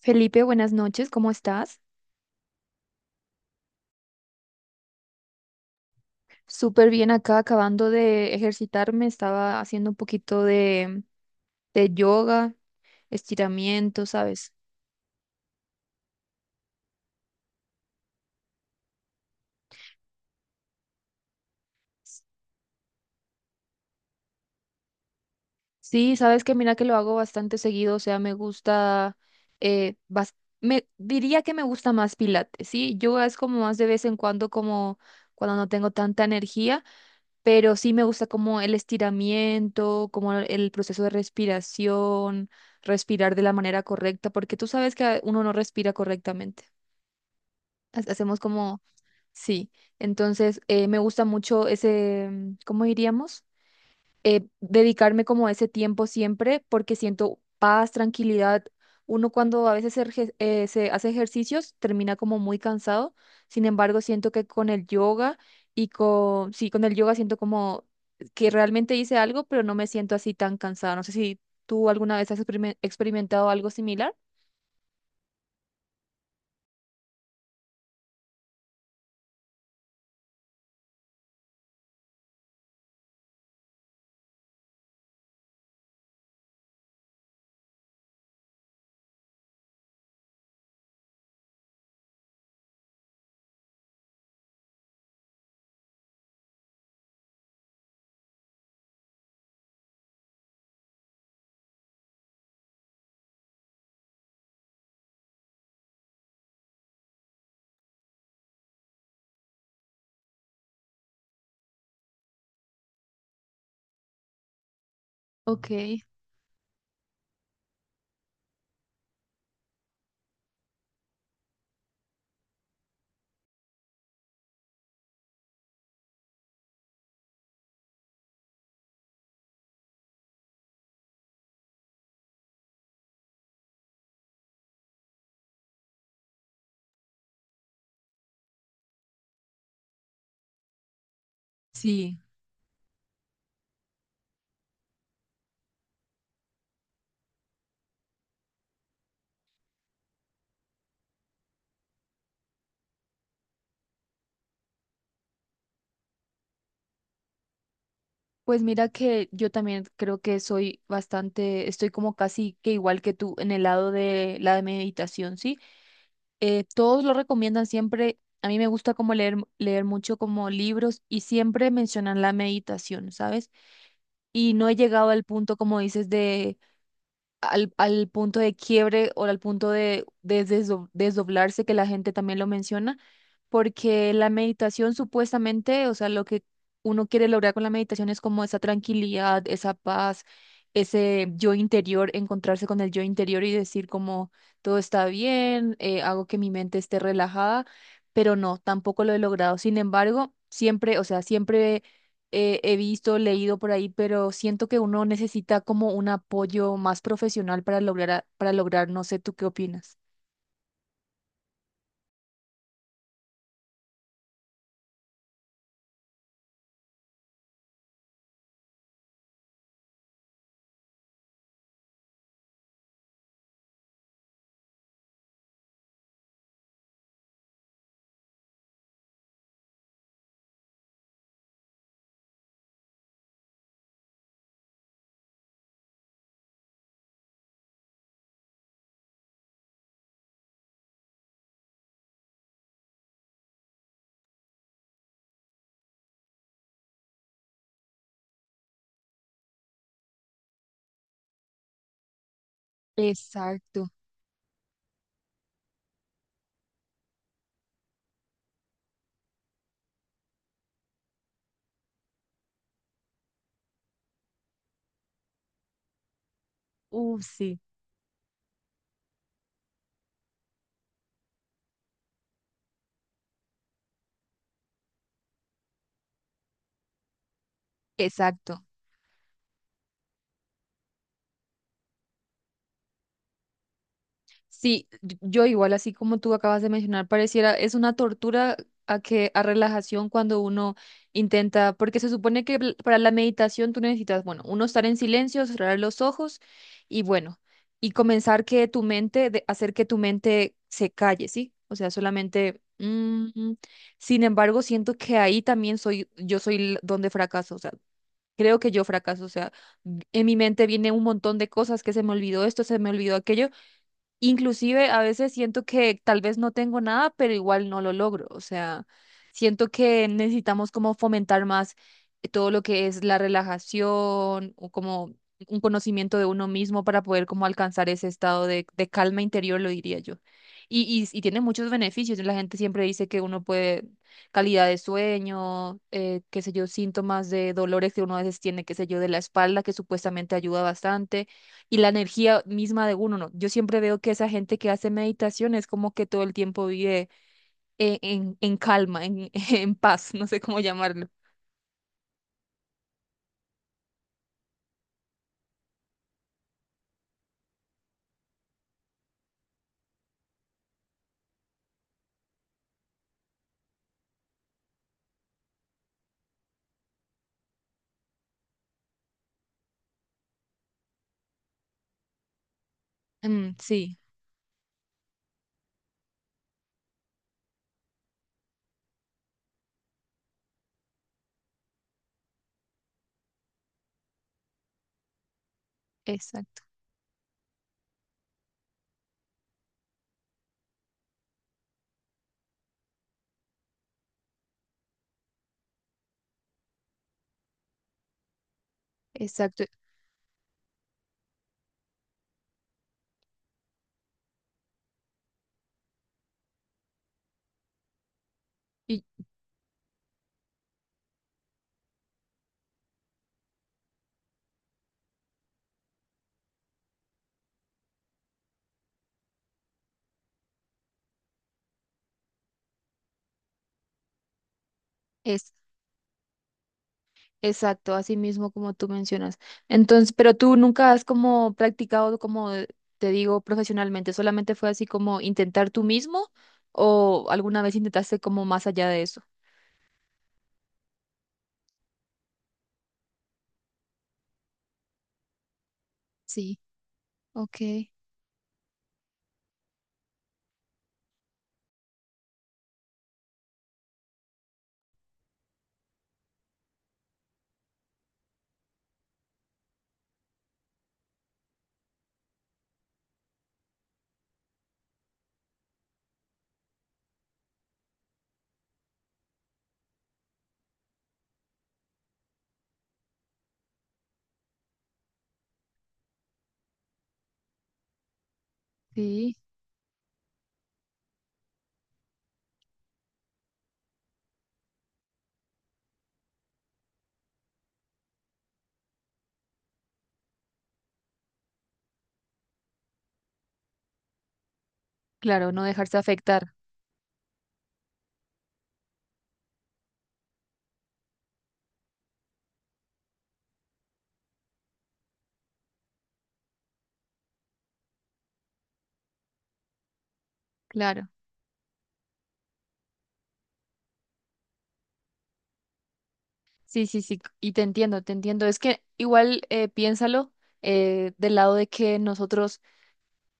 Felipe, buenas noches, ¿cómo estás? Súper bien acá, acabando de ejercitarme, estaba haciendo un poquito de yoga, estiramiento, ¿sabes? Sí, sabes que mira que lo hago bastante seguido, o sea, me gusta, eh, bas- me diría que me gusta más pilates, ¿sí? Yoga es como más de vez en cuando, como cuando no tengo tanta energía, pero sí me gusta como el estiramiento, como el proceso de respiración, respirar de la manera correcta, porque tú sabes que uno no respira correctamente. Hacemos como, sí, entonces me gusta mucho ese, ¿cómo diríamos? Dedicarme como a ese tiempo siempre porque siento paz, tranquilidad. Uno cuando a veces se hace ejercicios termina como muy cansado. Sin embargo, siento que con el yoga y con, sí, con el yoga siento como que realmente hice algo, pero no me siento así tan cansada. No sé si tú alguna vez has experimentado algo similar. Ok, sí. Pues mira que yo también creo que soy bastante, estoy como casi que igual que tú en el lado de la meditación, ¿sí? Todos lo recomiendan siempre. A mí me gusta como leer, leer mucho como libros y siempre mencionan la meditación, ¿sabes? Y no he llegado al punto, como dices, de al, al punto de quiebre o al punto de desdoblarse, que la gente también lo menciona, porque la meditación supuestamente, o sea, lo que uno quiere lograr con la meditación es como esa tranquilidad, esa paz, ese yo interior, encontrarse con el yo interior y decir como todo está bien, hago que mi mente esté relajada, pero no, tampoco lo he logrado. Sin embargo, siempre, o sea, siempre he visto, leído por ahí, pero siento que uno necesita como un apoyo más profesional para lograr, para lograr, no sé, ¿tú qué opinas? Exacto. Sí, exacto. Sí, yo igual así como tú acabas de mencionar, pareciera es una tortura a que a relajación cuando uno intenta, porque se supone que para la meditación tú necesitas, bueno, uno estar en silencio, cerrar los ojos y bueno, y comenzar que tu mente, de hacer que tu mente se calle, ¿sí? O sea, solamente mm, mm. Sin embargo, siento que ahí también soy, yo soy donde fracaso, o sea, creo que yo fracaso, o sea, en mi mente viene un montón de cosas que se me olvidó esto, se me olvidó aquello. Inclusive a veces siento que tal vez no tengo nada, pero igual no lo logro. O sea, siento que necesitamos como fomentar más todo lo que es la relajación o como un conocimiento de uno mismo para poder como alcanzar ese estado de calma interior, lo diría yo. Y, y tiene muchos beneficios. La gente siempre dice que uno puede calidad de sueño, qué sé yo, síntomas de dolores que uno a veces tiene, qué sé yo, de la espalda, que supuestamente ayuda bastante y la energía misma de uno, ¿no? Yo siempre veo que esa gente que hace meditación es como que todo el tiempo vive en calma, en, en paz, no sé cómo llamarlo. Mm, sí, exacto, exacto. Y es exacto, así mismo como tú mencionas. Entonces, pero tú nunca has como practicado, como te digo, profesionalmente, solamente fue así como intentar tú mismo o alguna vez intentaste como más allá de eso. Sí, ok, sí, claro, no dejarse afectar, claro. Sí, sí, sí, y te entiendo, te entiendo. Es que igual piénsalo del lado de que nosotros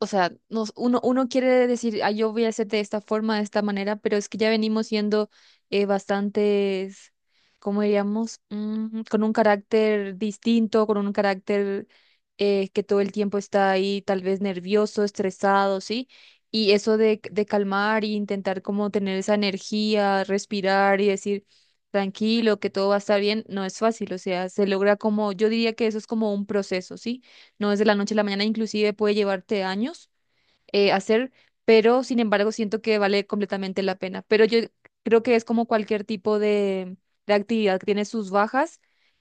o sea, nos, uno quiere decir, ah, yo voy a hacer de esta forma, de esta manera, pero es que ya venimos siendo bastantes, ¿cómo diríamos? Mm, con un carácter distinto, con un carácter que todo el tiempo está ahí, tal vez nervioso, estresado, ¿sí? Y eso de calmar y intentar como tener esa energía, respirar y decir, tranquilo, que todo va a estar bien, no es fácil, o sea, se logra como, yo diría que eso es como un proceso, ¿sí? No es de la noche a la mañana, inclusive puede llevarte años hacer, pero sin embargo siento que vale completamente la pena. Pero yo creo que es como cualquier tipo de actividad que tiene sus bajas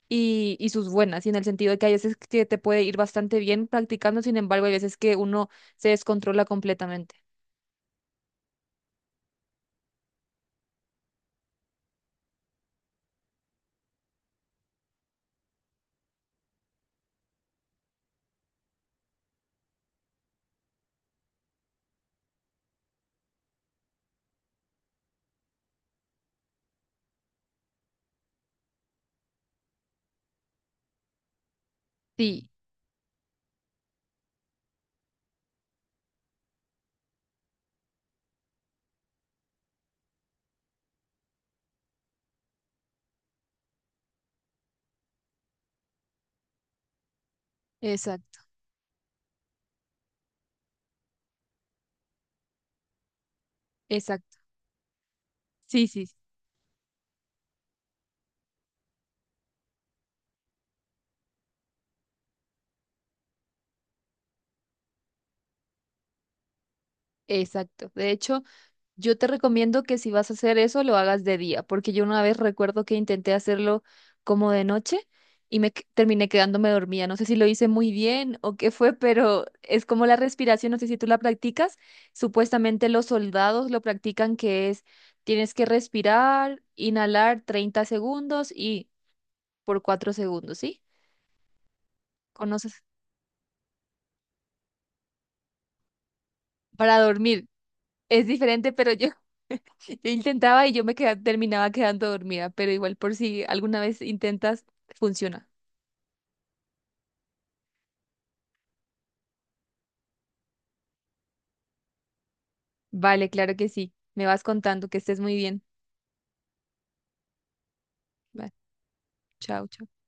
y sus buenas, y en el sentido de que hay veces que te puede ir bastante bien practicando, sin embargo hay veces que uno se descontrola completamente. Sí, exacto, exacto. Sí, sí, sí, exacto. De hecho, yo te recomiendo que si vas a hacer eso, lo hagas de día, porque yo una vez recuerdo que intenté hacerlo como de noche y terminé quedándome dormida. No sé si lo hice muy bien o qué fue, pero es como la respiración, no sé si tú la practicas. Supuestamente los soldados lo practican, que es tienes que respirar, inhalar 30 segundos y por 4 segundos, ¿sí? ¿Conoces? Para dormir. Es diferente, pero yo yo intentaba y terminaba quedando dormida, pero igual por si alguna vez intentas, funciona. Vale, claro que sí. Me vas contando. Que estés muy bien. Vale, chao. Chao.